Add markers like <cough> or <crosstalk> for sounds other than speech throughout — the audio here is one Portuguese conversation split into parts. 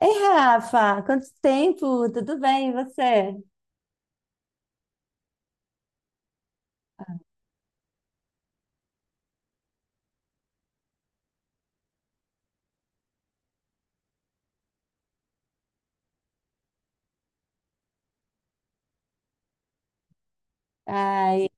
Ei, Rafa, quanto tempo? Tudo bem, e você? Ai,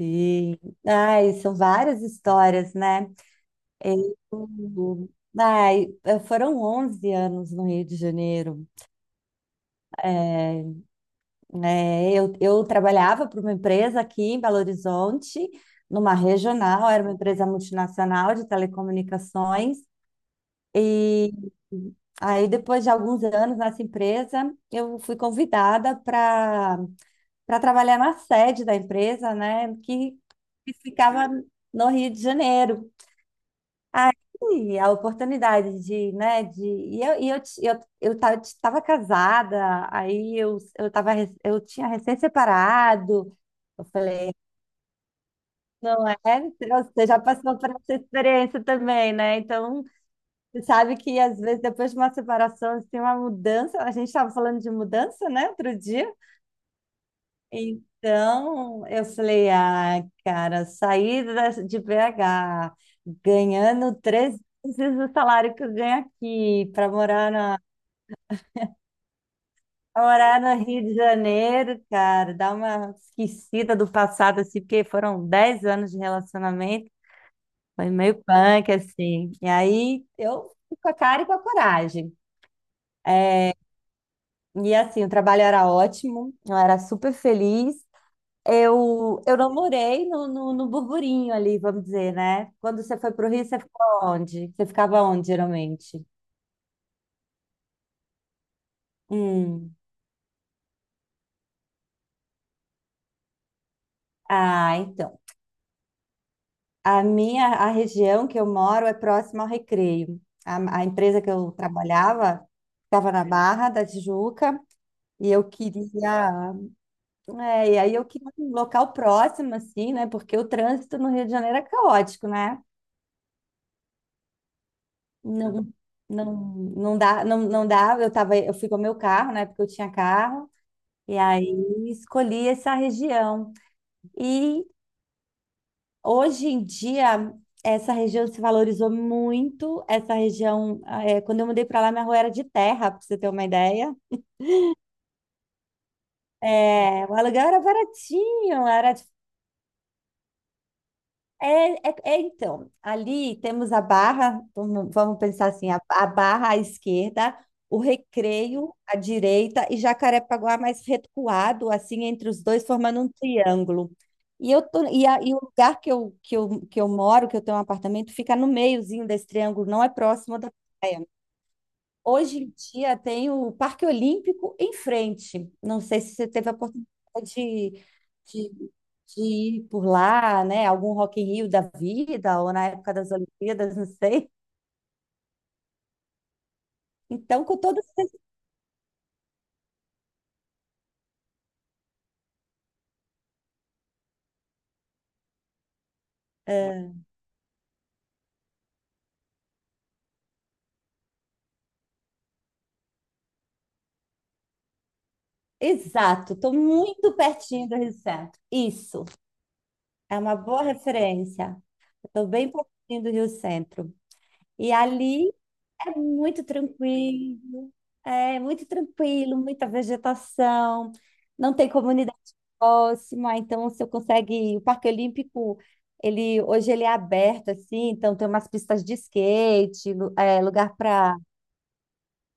sim. Ai, são várias histórias, né? Eu, ai, Foram 11 anos no Rio de Janeiro. É, eu trabalhava para uma empresa aqui em Belo Horizonte, numa regional, era uma empresa multinacional de telecomunicações. E aí, depois de alguns anos nessa empresa, eu fui convidada para trabalhar na sede da empresa, né, que ficava no Rio de Janeiro. Aí a oportunidade de, né, de e eu t- eu tava, casada, aí eu tava eu tinha recém-separado. Eu falei, não é? Você já passou por essa experiência também, né? Então, você sabe que às vezes depois de uma separação, assim, uma mudança, a gente estava falando de mudança, né, outro dia. Então, eu falei, ah, cara, sair de BH ganhando 3 vezes o salário que eu ganho aqui para morar pra morar no Rio de Janeiro, cara, dar uma esquecida do passado, assim, porque foram 10 anos de relacionamento, foi meio punk, assim. E aí eu fui com a cara e com a coragem. E assim, o trabalho era ótimo, eu era super feliz. Eu não morei no burburinho ali, vamos dizer, né? Quando você foi para o Rio, você ficou onde? Você ficava onde, geralmente? Hum. Ah, então. A região que eu moro é próxima ao Recreio. A empresa que eu trabalhava estava na Barra da Tijuca e eu queria... É, e aí eu queria um local próximo, assim, né? Porque o trânsito no Rio de Janeiro é caótico, né? Não, não, não dá. Eu fui com o meu carro, né? Porque eu tinha carro, e aí escolhi essa região. E hoje em dia essa região se valorizou muito. Essa região, é, quando eu mudei para lá, minha rua era de terra, para você ter uma ideia. É, o aluguel era baratinho, era tipo, É, então, ali temos a barra, vamos pensar assim, a barra à esquerda, o Recreio à direita e Jacarepaguá mais recuado, assim, entre os dois, formando um triângulo. E, eu tô, e, a- e o lugar que eu moro, que eu tenho um apartamento, fica no meiozinho desse triângulo, não é próximo da praia. Hoje em dia tem o Parque Olímpico em frente. Não sei se você teve a oportunidade de, de, de ir por lá, né? Algum Rock in Rio da vida, ou na época das Olimpíadas, não sei. Então, com todo. É. Exato, estou muito pertinho do Rio Centro. Isso, é uma boa referência. Estou bem pertinho do Rio Centro. E ali é muito tranquilo. É muito tranquilo, muita vegetação, não tem comunidade próxima, então você consegue. O Parque Olímpico, ele hoje ele é aberto assim, então tem umas pistas de skate, lugar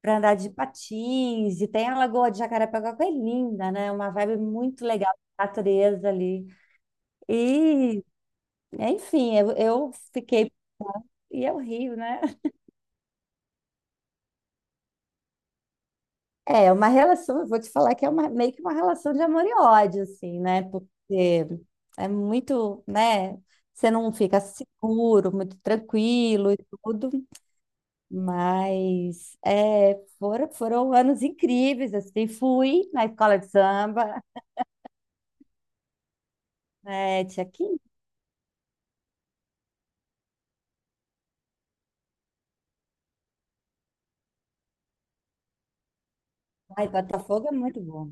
para andar de patins, e tem a Lagoa de Jacarepaguá, que é linda, né? Uma vibe muito legal, natureza ali. E, enfim, eu fiquei e é o Rio, né? É é uma relação, eu vou te falar que é uma, meio que uma relação de amor e ódio, assim, né? Porque é muito, né? Você não fica seguro, muito tranquilo e tudo, mas é, foram anos incríveis, assim, fui na escola de samba, né? Tinha 15, ai, Botafogo é muito bom.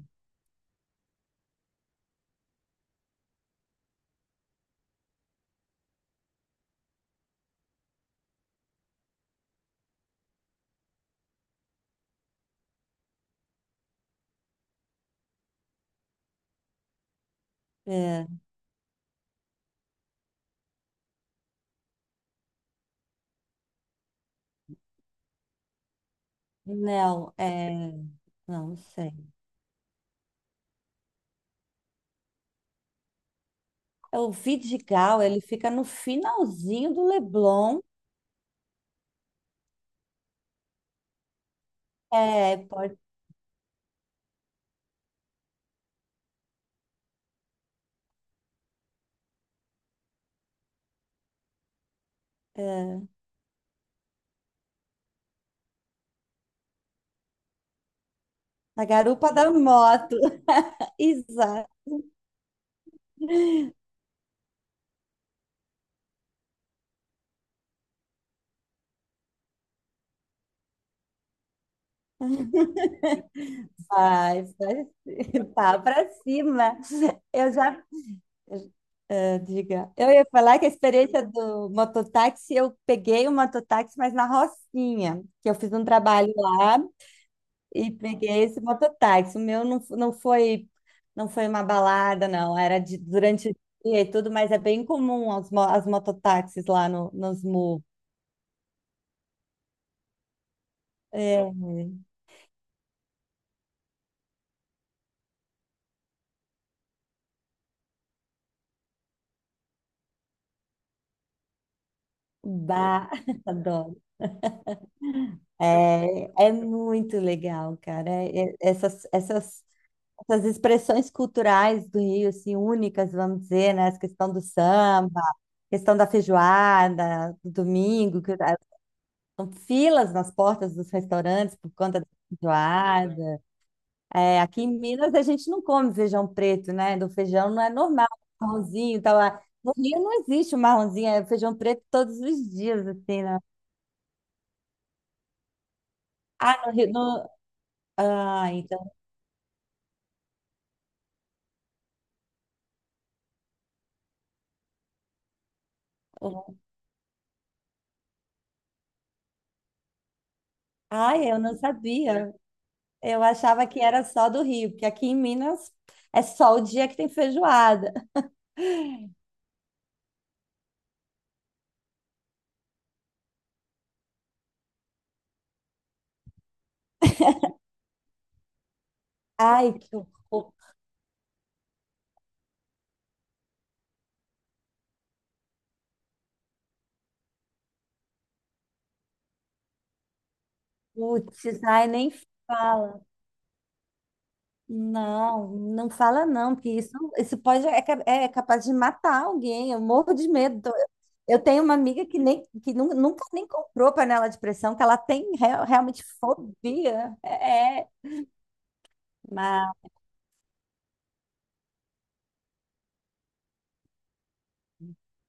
É, não, é, não sei. É, o Vidigal, ele fica no finalzinho do Leblon, é, pode é, na garupa da moto. <laughs> Exato. Vai, <laughs> pá, pra cima. Eu já, diga, eu ia falar que a experiência do mototáxi, eu peguei o mototáxi, mas na Rocinha, que eu fiz um trabalho lá e peguei esse mototáxi. O meu não, f- não foi, não foi uma balada, não, era de, durante o dia e tudo, mas é bem comum as mototáxis lá no, nos MU. É, bah, <laughs> adoro. É, é muito legal, cara. Essas expressões culturais do Rio, assim, únicas, vamos dizer, né? Essa questão do samba, questão da feijoada, do domingo, que ah, são filas nas portas dos restaurantes por conta da feijoada. É, aqui em Minas a gente não come feijão preto, né? Do feijão não é normal, marronzinho, tá lá. No Rio não existe o marronzinho, é feijão preto todos os dias, assim, né? Ah, no Rio, no... Ah, então. Ai, eu não sabia. Eu achava que era só do Rio, porque aqui em Minas é só o dia que tem feijoada. Ai, que horror. Putz, ai, nem fala. Não, não fala não, porque isso pode, é, é capaz de matar alguém. Eu morro de medo. Eu tenho uma amiga que nunca nem comprou panela de pressão, que ela tem realmente fobia. É, é. Mas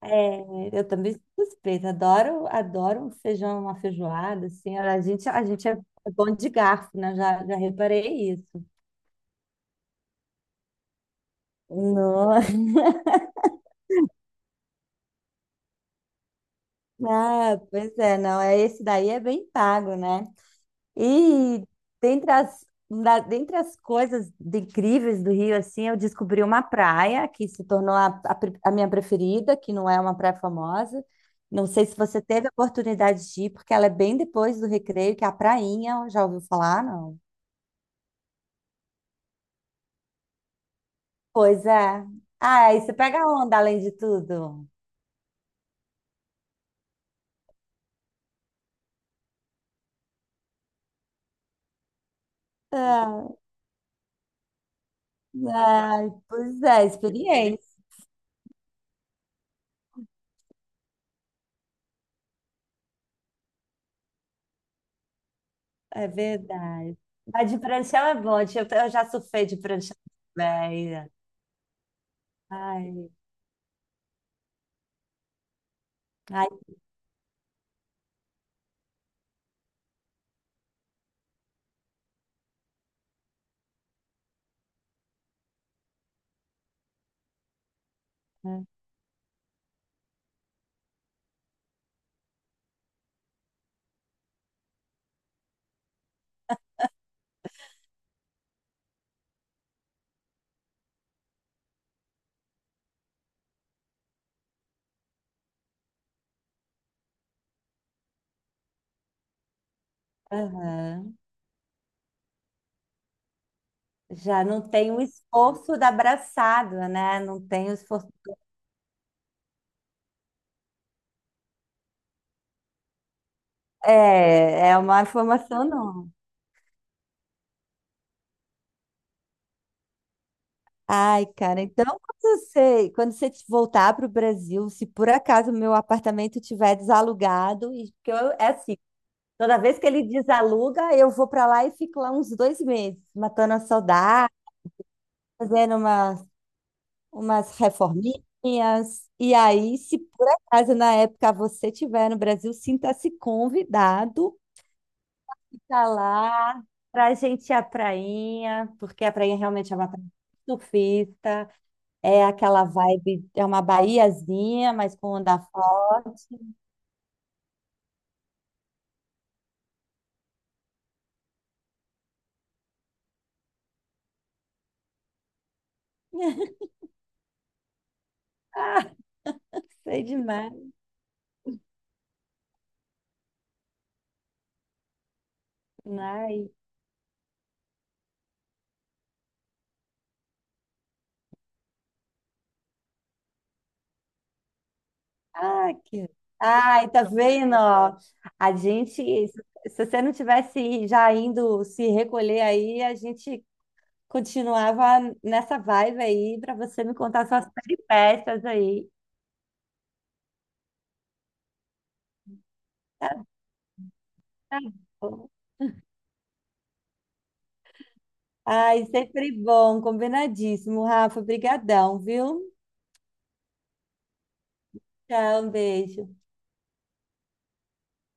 é, eu também sou suspeita, adoro, adoro um feijão, uma feijoada, assim, a gente é é bom de garfo, né? Já, já reparei isso. Não. <laughs> Ah, pois é, não, é esse daí é bem pago, né? E dentre as incríveis do Rio, assim, eu descobri uma praia que se tornou a minha preferida, que não é uma praia famosa. Não sei se você teve a oportunidade de ir, porque ela é bem depois do Recreio, que é a Prainha, já ouviu falar, não? Pois é. Ah, isso pega onda além de tudo. Ah, ai, pois é, experiência. É verdade. Mas de pranchão é bom. Eu já surfei de pranchão velha. Ai, ai, aham. Já não tem o esforço da abraçada, né? Não tem o esforço. É, é uma informação não. Ai, cara, então quando você voltar para o Brasil, se por acaso meu apartamento tiver desalugado, e porque eu, é assim, toda vez que ele desaluga, eu vou para lá e fico lá uns 2 meses, matando a saudade, fazendo umas reforminhas. E aí, se por acaso na época você estiver no Brasil, sinta-se convidado para lá, para a gente ir à prainha, porque a prainha realmente é uma praia surfista, é aquela vibe, é uma baiazinha, mas com onda forte. <laughs> Ah, sei demais. Ai. Ai, que... Ai, tá vendo? Ó? A gente, se você não tivesse já indo se recolher aí, a gente continuava nessa vibe aí para você me contar suas peripécias aí. Tá bom. Ai, sempre bom, combinadíssimo, Rafa, brigadão, viu? Tchau, um beijo.